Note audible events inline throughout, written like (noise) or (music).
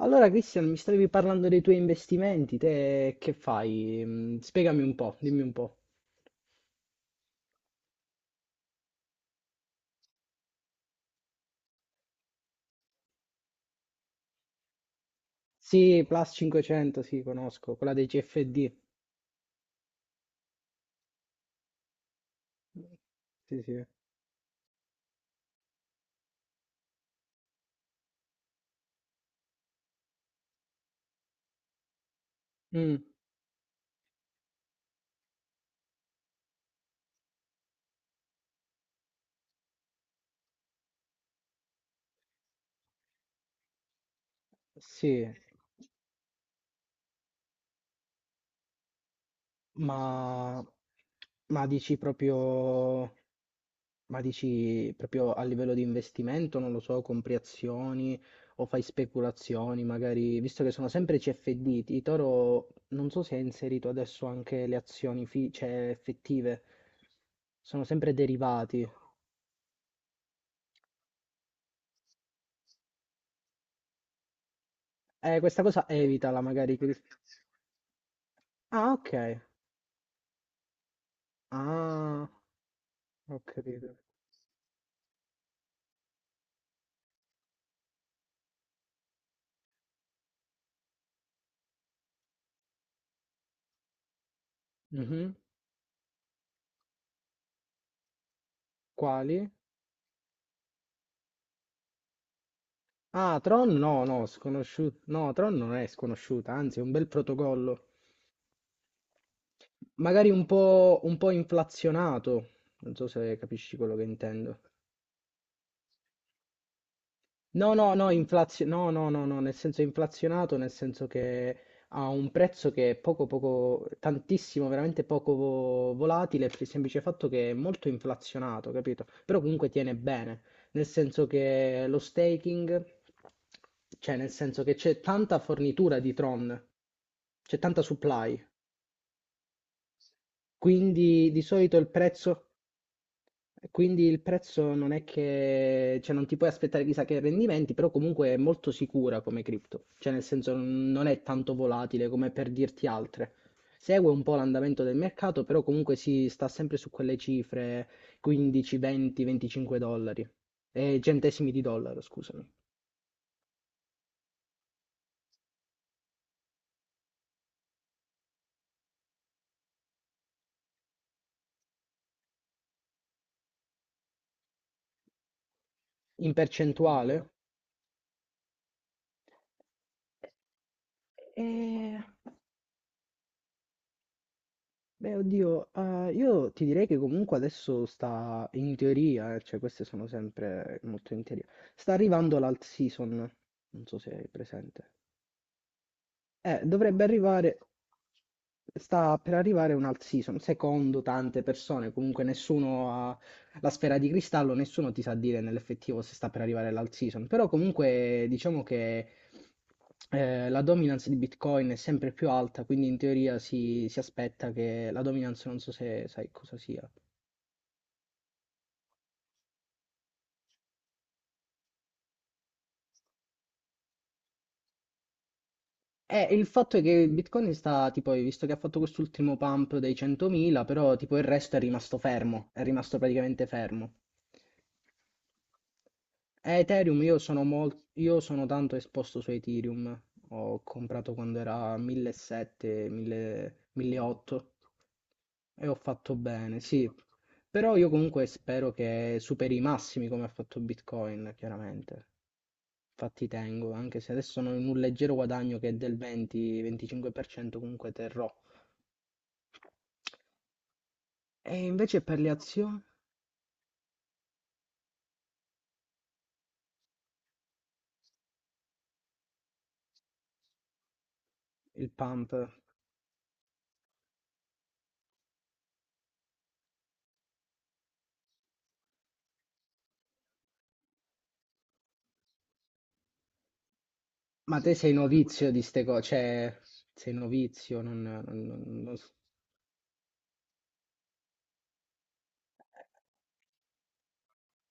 Allora, Cristian, mi stavi parlando dei tuoi investimenti, te che fai? Spiegami un po', dimmi un po'. Sì, Plus 500, sì, conosco, quella dei CFD. Sì, sì. Mm, sì. Ma, ma dici proprio, ma dici proprio a livello di investimento, non lo so, compri azioni o fai speculazioni, magari, visto che sono sempre CFD, Toro non so se ha inserito adesso anche le azioni effettive, sono sempre derivati. Questa cosa evitala magari. Ah, ok. Ah, ho capito. Mhm. Quali? Ah, Tron no, no, sconosciuto. No, Tron non è sconosciuta, anzi è un bel protocollo. Magari un po' inflazionato. Non so se capisci quello che intendo. No, no, no, no, no, no, no, nel senso inflazionato, nel senso che ha un prezzo che è poco, poco, tantissimo, veramente poco volatile, per il semplice fatto che è molto inflazionato, capito? Però comunque tiene bene, nel senso che lo staking, cioè nel senso che c'è tanta fornitura di Tron, c'è tanta supply, quindi di solito il prezzo. Quindi il prezzo non è che, cioè non ti puoi aspettare chissà che rendimenti, però comunque è molto sicura come cripto, cioè nel senso non è tanto volatile come per dirti altre. Segue un po' l'andamento del mercato, però comunque si sta sempre su quelle cifre 15, 20, 25 dollari, centesimi di dollaro, scusami. In percentuale? Eh, Beh, oddio, io ti direi che comunque adesso sta in teoria, cioè queste sono sempre molto in teoria. Sta arrivando l'alt season, non so se hai presente. Dovrebbe arrivare, sta per arrivare un'alt season, secondo tante persone, comunque nessuno ha la sfera di cristallo, nessuno ti sa dire nell'effettivo se sta per arrivare l'alt season, però comunque diciamo che la dominance di Bitcoin è sempre più alta, quindi in teoria si, si aspetta che la dominance, non so se sai cosa sia. Il fatto è che Bitcoin sta, tipo, hai visto che ha fatto quest'ultimo pump dei 100.000, però tipo il resto è rimasto fermo, è rimasto praticamente fermo. Ethereum, io sono tanto esposto su Ethereum, ho comprato quando era 1.700, 1.000 1.800 e ho fatto bene, sì. Però io comunque spero che superi i massimi come ha fatto Bitcoin, chiaramente. Infatti tengo, anche se adesso sono in un leggero guadagno che è del 20-25%, comunque terrò. E invece per le azioni, il pump. Ma te sei novizio di ste cose, cioè sei novizio, non... non- non- non s-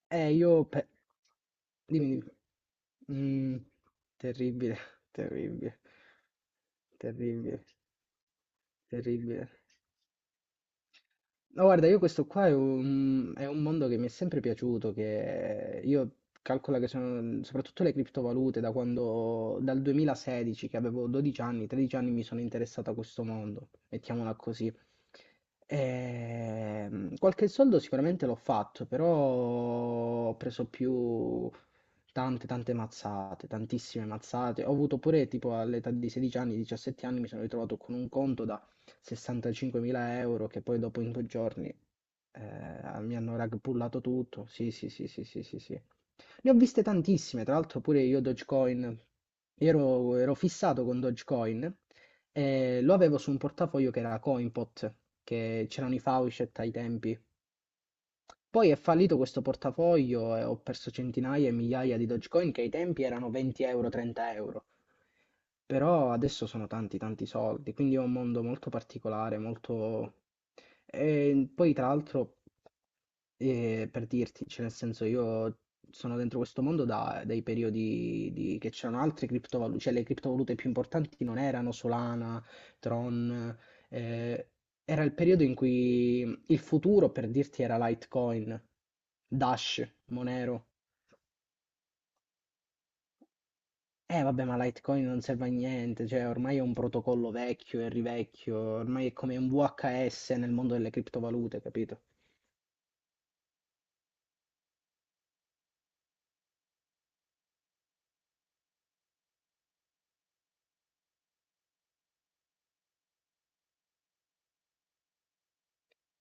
Eh, io... pe- Dimmi, dimmi. Mm, Terribile, (laughs) terribile, terribile, terribile. No, guarda, io questo qua è un mondo che mi è sempre piaciuto, che io calcolo che sono, soprattutto le criptovalute, da quando, dal 2016, che avevo 12 anni, 13 anni, mi sono interessato a questo mondo, mettiamola così. Qualche soldo sicuramente l'ho fatto, però ho preso più tante, tante mazzate, tantissime mazzate. Ho avuto pure tipo all'età di 16 anni, 17 anni, mi sono ritrovato con un conto da 65.000 euro che poi dopo in 2 giorni mi hanno ragbullato tutto. Sì, sì, sì, sì, sì, sì, sì. Ne ho viste tantissime, tra l'altro pure io Dogecoin. Io ero fissato con Dogecoin e lo avevo su un portafoglio che era Coinpot, che c'erano i Faucet ai tempi, poi è fallito questo portafoglio e ho perso centinaia e migliaia di Dogecoin che ai tempi erano 20 euro, 30 euro. Però adesso sono tanti, tanti soldi, quindi è un mondo molto particolare, molto. E poi tra l'altro, per dirti, cioè nel senso io sono dentro questo mondo da dai periodi di che c'erano altre criptovalute, cioè le criptovalute più importanti non erano Solana, Tron, ehm, era il periodo in cui il futuro, per dirti, era Litecoin, Dash, Monero. Eh vabbè, ma Litecoin non serve a niente, cioè ormai è un protocollo vecchio e rivecchio, ormai è come un VHS nel mondo delle criptovalute, capito?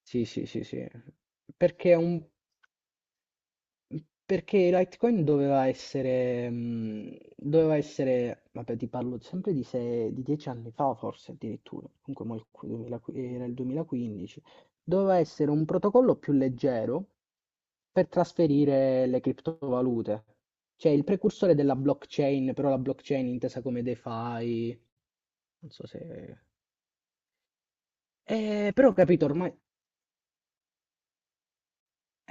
Sì, sì, sì, sì. Perché è un Perché Litecoin doveva essere, vabbè, ti parlo sempre di, sei, di 10 anni fa, forse addirittura, comunque mo il 2000 era il 2015, doveva essere un protocollo più leggero per trasferire le criptovalute, cioè il precursore della blockchain, però la blockchain intesa come DeFi, non so se. Però ho capito, ormai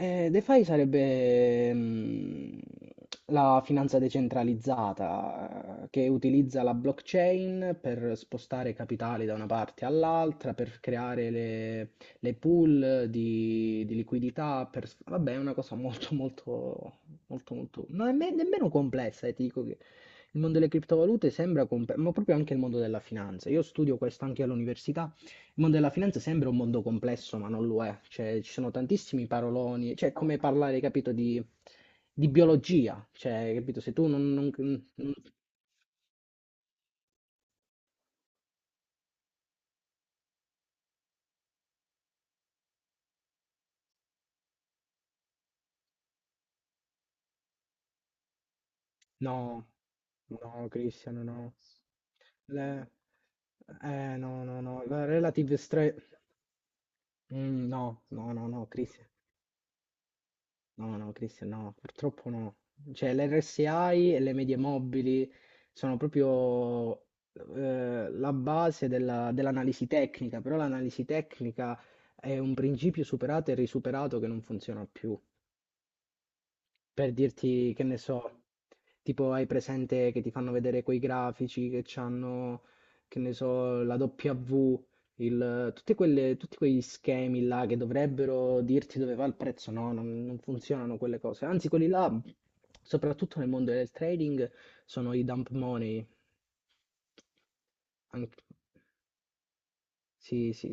DeFi sarebbe la finanza decentralizzata che utilizza la blockchain per spostare capitali da una parte all'altra, per creare le pool di liquidità, vabbè, è una cosa molto, molto, molto, molto, non è nemmeno complessa, ti dico che il mondo delle criptovalute sembra complesso, ma proprio anche il mondo della finanza. Io studio questo anche all'università. Il mondo della finanza sembra un mondo complesso, ma non lo è. Cioè, ci sono tantissimi paroloni, cioè è come parlare, capito, di biologia. Cioè, capito, se tu non- no, no, Cristiano, no. Le- no, no, no. La relative stress. No, no, no, no, Cristiano. No, no, Cristian, no, purtroppo no. Cioè, l'RSI e le medie mobili sono proprio, la base dell'analisi tecnica, però l'analisi tecnica è un principio superato e risuperato che non funziona più. Per dirti, che ne so, tipo hai presente che ti fanno vedere quei grafici che hanno, che ne so, la W, tutti quegli schemi là che dovrebbero dirti dove va il prezzo, no, non funzionano quelle cose. Anzi, quelli là, soprattutto nel mondo del trading, sono i dump money. Anche- sì, sì.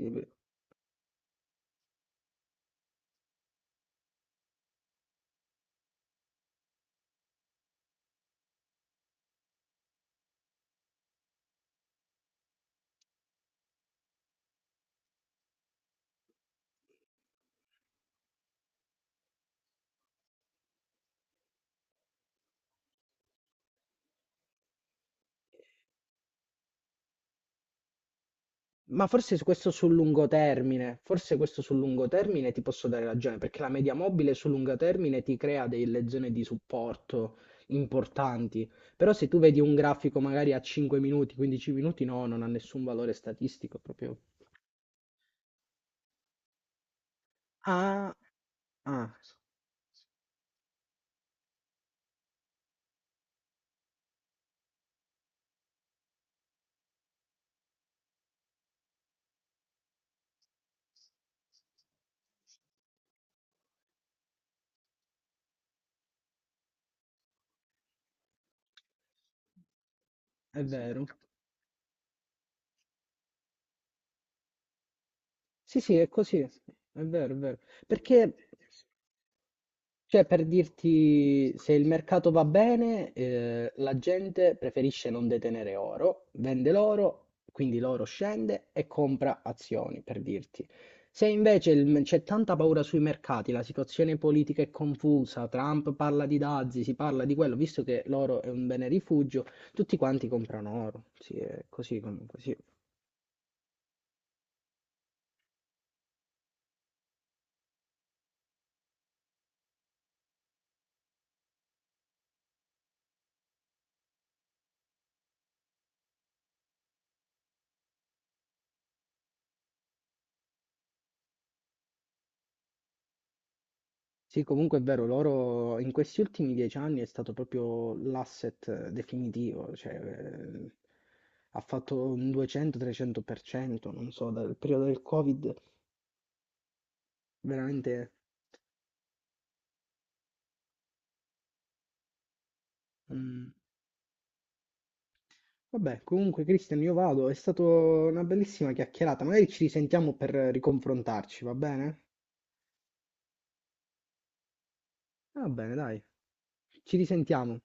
Ma forse questo sul lungo termine ti posso dare ragione, perché la media mobile sul lungo termine ti crea delle zone di supporto importanti, però se tu vedi un grafico magari a 5 minuti, 15 minuti, no, non ha nessun valore statistico proprio. Ah, ah, è sì, vero. Sì, sì, è così, è vero, è vero. Perché Cioè, per dirti, se il mercato va bene, la gente preferisce non detenere oro, vende l'oro, quindi l'oro scende e compra azioni, per dirti. Se invece c'è tanta paura sui mercati, la situazione politica è confusa, Trump parla di dazi, si parla di quello, visto che l'oro è un bene rifugio, tutti quanti comprano oro. Sì, è così comunque, sì. Sì, comunque è vero, loro in questi ultimi 10 anni è stato proprio l'asset definitivo, cioè ha fatto un 200-300%, non so, dal periodo del Covid, veramente... mm. Vabbè, comunque Cristian, io vado, è stata una bellissima chiacchierata, magari ci risentiamo per riconfrontarci, va bene? Va bene, dai, ci risentiamo.